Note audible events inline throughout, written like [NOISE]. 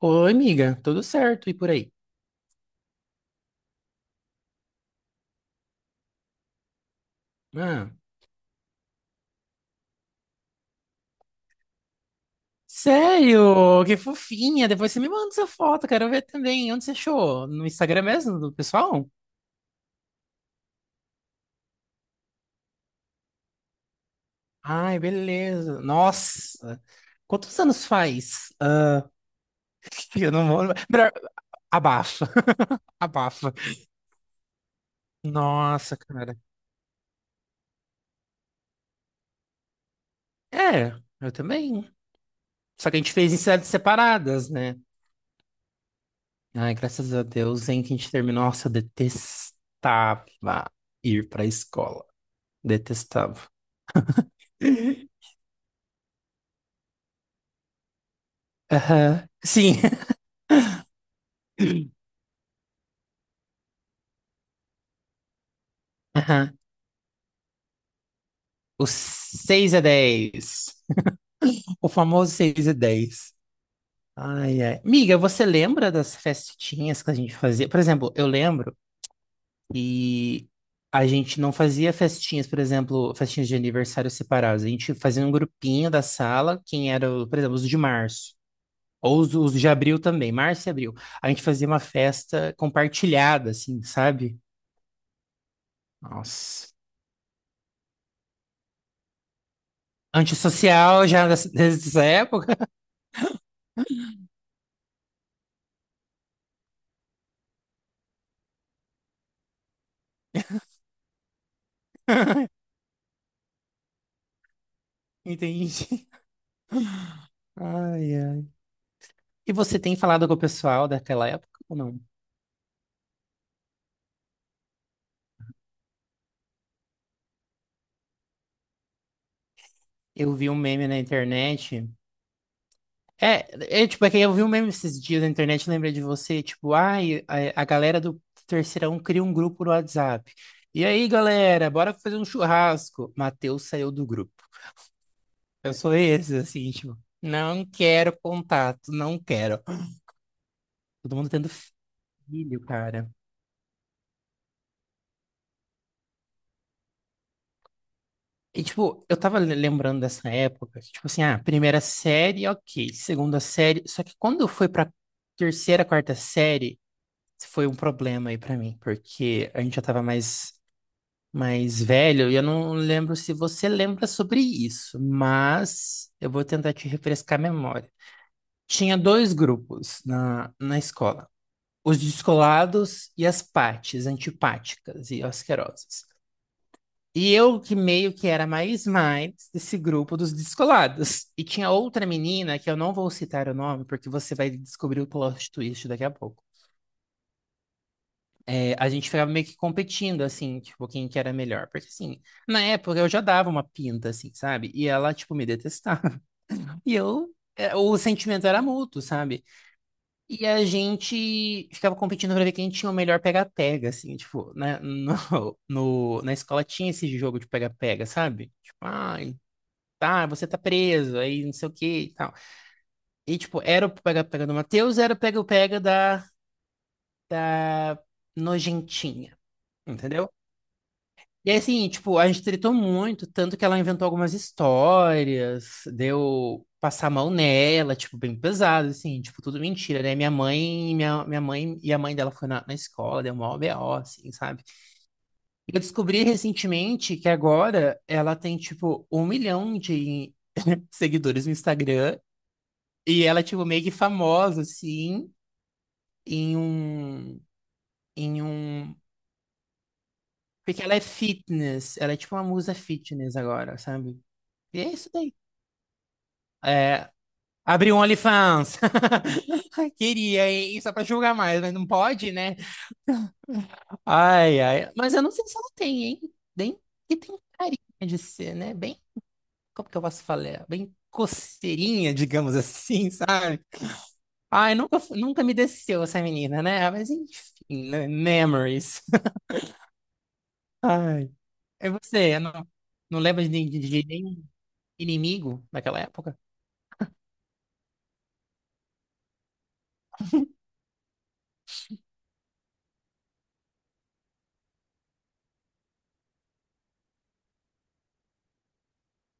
Oi, amiga, tudo certo e por aí? Ah, sério? Que fofinha! Depois você me manda essa foto, quero ver também. Onde você achou? No Instagram mesmo, do pessoal? Ai, beleza. Nossa! Quantos anos faz? Ah, [LAUGHS] eu não vou. Melhor- Abafa, [LAUGHS] abafa. Nossa, cara. É, eu também. Só que a gente fez em cidades separadas, né? Ai, graças a Deus, hein, que a gente terminou. Nossa, eu detestava ir pra escola. Detestava. [LAUGHS] Aham. Sim. [LAUGHS] Aham. O 6-10. O famoso 6 a dez. Ai, ai. Miga, você lembra das festinhas que a gente fazia? Por exemplo, eu lembro que a gente não fazia festinhas, por exemplo, festinhas de aniversário separadas. A gente fazia um grupinho da sala, quem era, o- por exemplo, os de março. Ou os de abril também, março e abril. A gente fazia uma festa compartilhada, assim, sabe? Nossa. Antissocial já nessa época. [LAUGHS] Entendi. [LAUGHS] Ai, ai. E você tem falado com o pessoal daquela época ou não? Eu vi um meme na internet. É, tipo, é que eu vi um meme esses dias na internet, lembrei de você, tipo, ai, a galera do terceirão cria um grupo no WhatsApp. E aí, galera, bora fazer um churrasco. Matheus saiu do grupo. Eu sou esse, assim, tipo, não quero contato, não quero. Todo mundo tendo filho, cara. E, tipo, eu tava lembrando dessa época, que, tipo assim, ah, primeira série, ok, segunda série, só que quando foi pra terceira, quarta série, foi um problema aí pra mim, porque a gente já tava mais, velho, e eu não lembro se você lembra sobre isso, mas eu vou tentar te refrescar a memória. Tinha dois grupos na escola, os descolados e as pates, antipáticas e asquerosas. E eu que meio que era mais desse grupo dos descolados. E tinha outra menina, que eu não vou citar o nome, porque você vai descobrir o plot twist daqui a pouco. É, a gente ficava meio que competindo, assim, tipo, quem que era melhor. Porque, assim, na época eu já dava uma pinta, assim, sabe? E ela, tipo, me detestava. [LAUGHS] O sentimento era mútuo, sabe? E a gente ficava competindo pra ver quem tinha o melhor pega-pega, assim, tipo, na, [LAUGHS] na escola tinha esse jogo de pega-pega, sabe? Tipo, ai, ah, você tá preso, aí não sei o que e tal. E, tipo, era o pega-pega do Matheus, era o pega-pega da Nojentinha, entendeu? E aí, assim, tipo, a gente tretou muito, tanto que ela inventou algumas histórias, deu passar a mão nela, tipo, bem pesado, assim, tipo, tudo mentira, né? Minha mãe, minha mãe e a mãe dela foi na escola, deu mó BO, assim, sabe? E eu descobri recentemente que agora ela tem, tipo, um milhão de [LAUGHS] seguidores no Instagram. E ela é, tipo, meio que famosa, assim, em um, em um... Porque ela é fitness, ela é tipo uma musa fitness agora, sabe? E é isso daí. É, abri um OnlyFans. [LAUGHS] Ai, queria, hein? Só pra julgar mais, mas não pode, né? Ai, ai. Mas eu não sei se ela tem, hein? Bem que tem carinha de ser, né? Bem, como que eu posso falar? Bem coceirinha, digamos assim, [LAUGHS] sabe? Ai, nunca, nunca me desceu essa menina, né? Mas enfim, né? Memories. Ai. É você, não lembra de nenhum inimigo daquela época?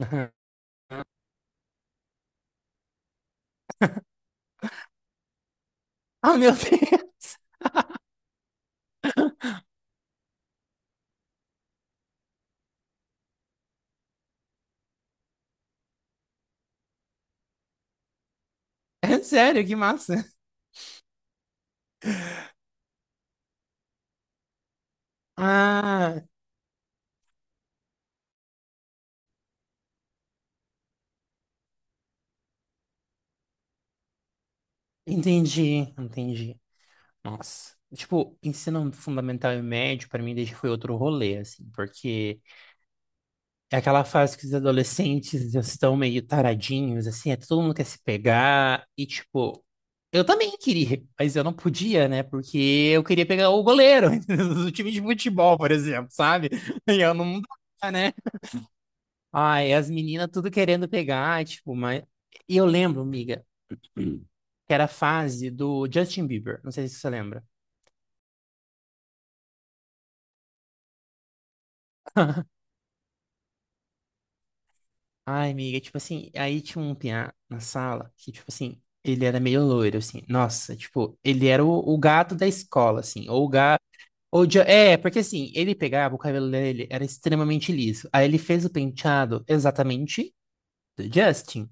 [LAUGHS] Ah, meu Deus! [LAUGHS] É sério, que massa! Ah, entendi, entendi. Nossa. Tipo, ensino fundamental e médio, pra mim, desde foi outro rolê, assim, porque. É aquela fase que os adolescentes já estão meio taradinhos, assim, é, todo mundo quer se pegar. E, tipo, eu também queria, mas eu não podia, né? Porque eu queria pegar o goleiro [LAUGHS] do time de futebol, por exemplo, sabe? E eu não dá, né? Ai, as meninas tudo querendo pegar, tipo, mas. E eu lembro, amiga, que era a fase do Justin Bieber, não sei se você lembra. Ai, amiga, tipo assim, aí tinha um piá na sala que, tipo assim, ele era meio loiro, assim. Nossa, tipo, ele era o gato da escola, assim. Ou o gato. Ou de... É, porque assim, ele pegava, o cabelo dele era extremamente liso. Aí ele fez o penteado exatamente do Justin.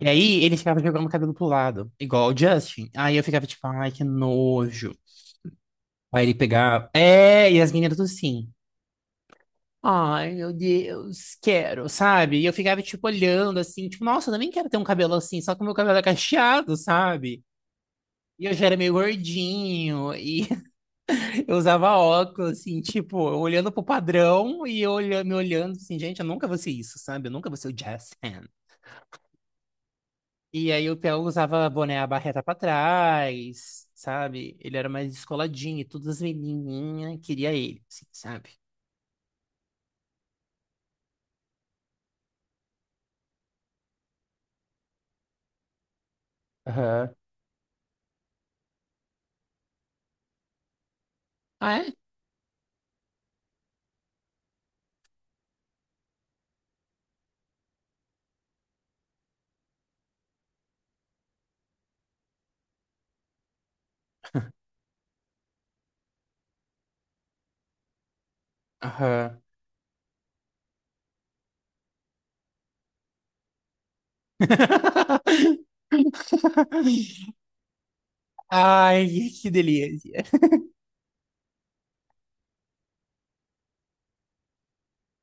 E aí ele ficava jogando o cabelo pro lado, igual o Justin. Aí eu ficava tipo, ai, que nojo. Aí ele pegava. É, e as meninas tudo assim. Ai, meu Deus, quero, sabe? E eu ficava, tipo, olhando assim, tipo, nossa, eu também quero ter um cabelo assim, só que o meu cabelo é cacheado, sabe? E eu já era meio gordinho, e [LAUGHS] eu usava óculos, assim, tipo, olhando pro padrão e eu me olhando, assim, gente, eu nunca vou ser isso, sabe? Eu nunca vou ser o Jazzman. E aí o Theo usava boné, a barreta pra trás, sabe? Ele era mais descoladinho, e todas as menininhas queria ele, assim, sabe? Aham. Ah, é? Aham. [LAUGHS] Ai, que delícia.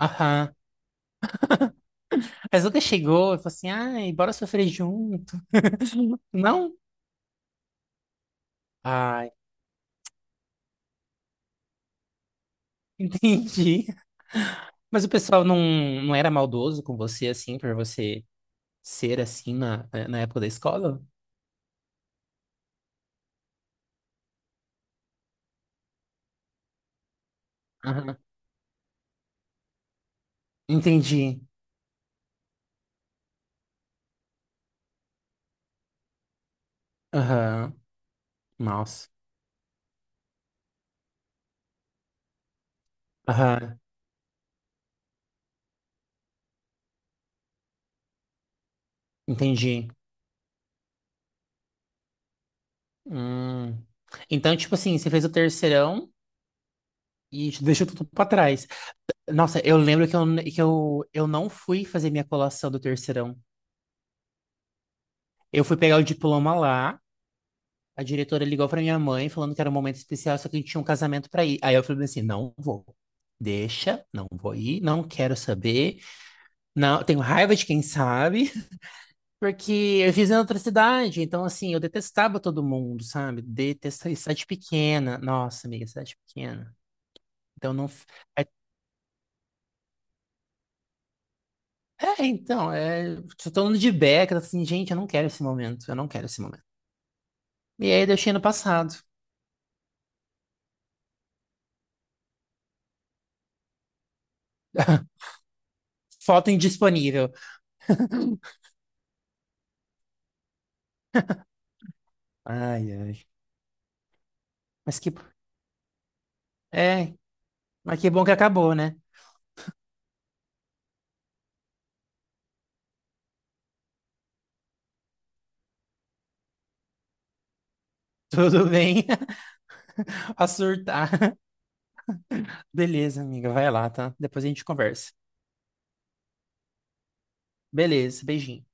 Aham. Mas nunca chegou e falou assim, ai, bora sofrer junto. Não? Ai, [LAUGHS] entendi. Mas o pessoal não, não era maldoso com você, assim, por você ser assim na, época da escola? Aham. Entendi. Aham. Nossa. Aham. Entendi. Hum. Então, tipo assim, você fez o terceirão e deixou tudo pra trás. Nossa, eu lembro que eu não fui fazer minha colação do terceirão. Eu fui pegar o diploma lá, a diretora ligou pra minha mãe falando que era um momento especial, só que a gente tinha um casamento pra ir. Aí eu falei assim, não vou. Deixa, não vou ir, não quero saber. Não, tenho raiva de quem sabe, [LAUGHS] porque eu fiz em outra cidade, então assim, eu detestava todo mundo, sabe? Detestava cidade pequena. Nossa, amiga, cidade pequena. Então não, é, então, tô falando de beca, assim, gente, eu não quero esse momento, eu não quero esse momento. E aí eu deixei no passado. [LAUGHS] Foto indisponível. Ai, ai. Mas que. É, mas que bom que acabou, né? Tudo bem. [LAUGHS] A surtar. Beleza, amiga. Vai lá, tá? Depois a gente conversa. Beleza, beijinho.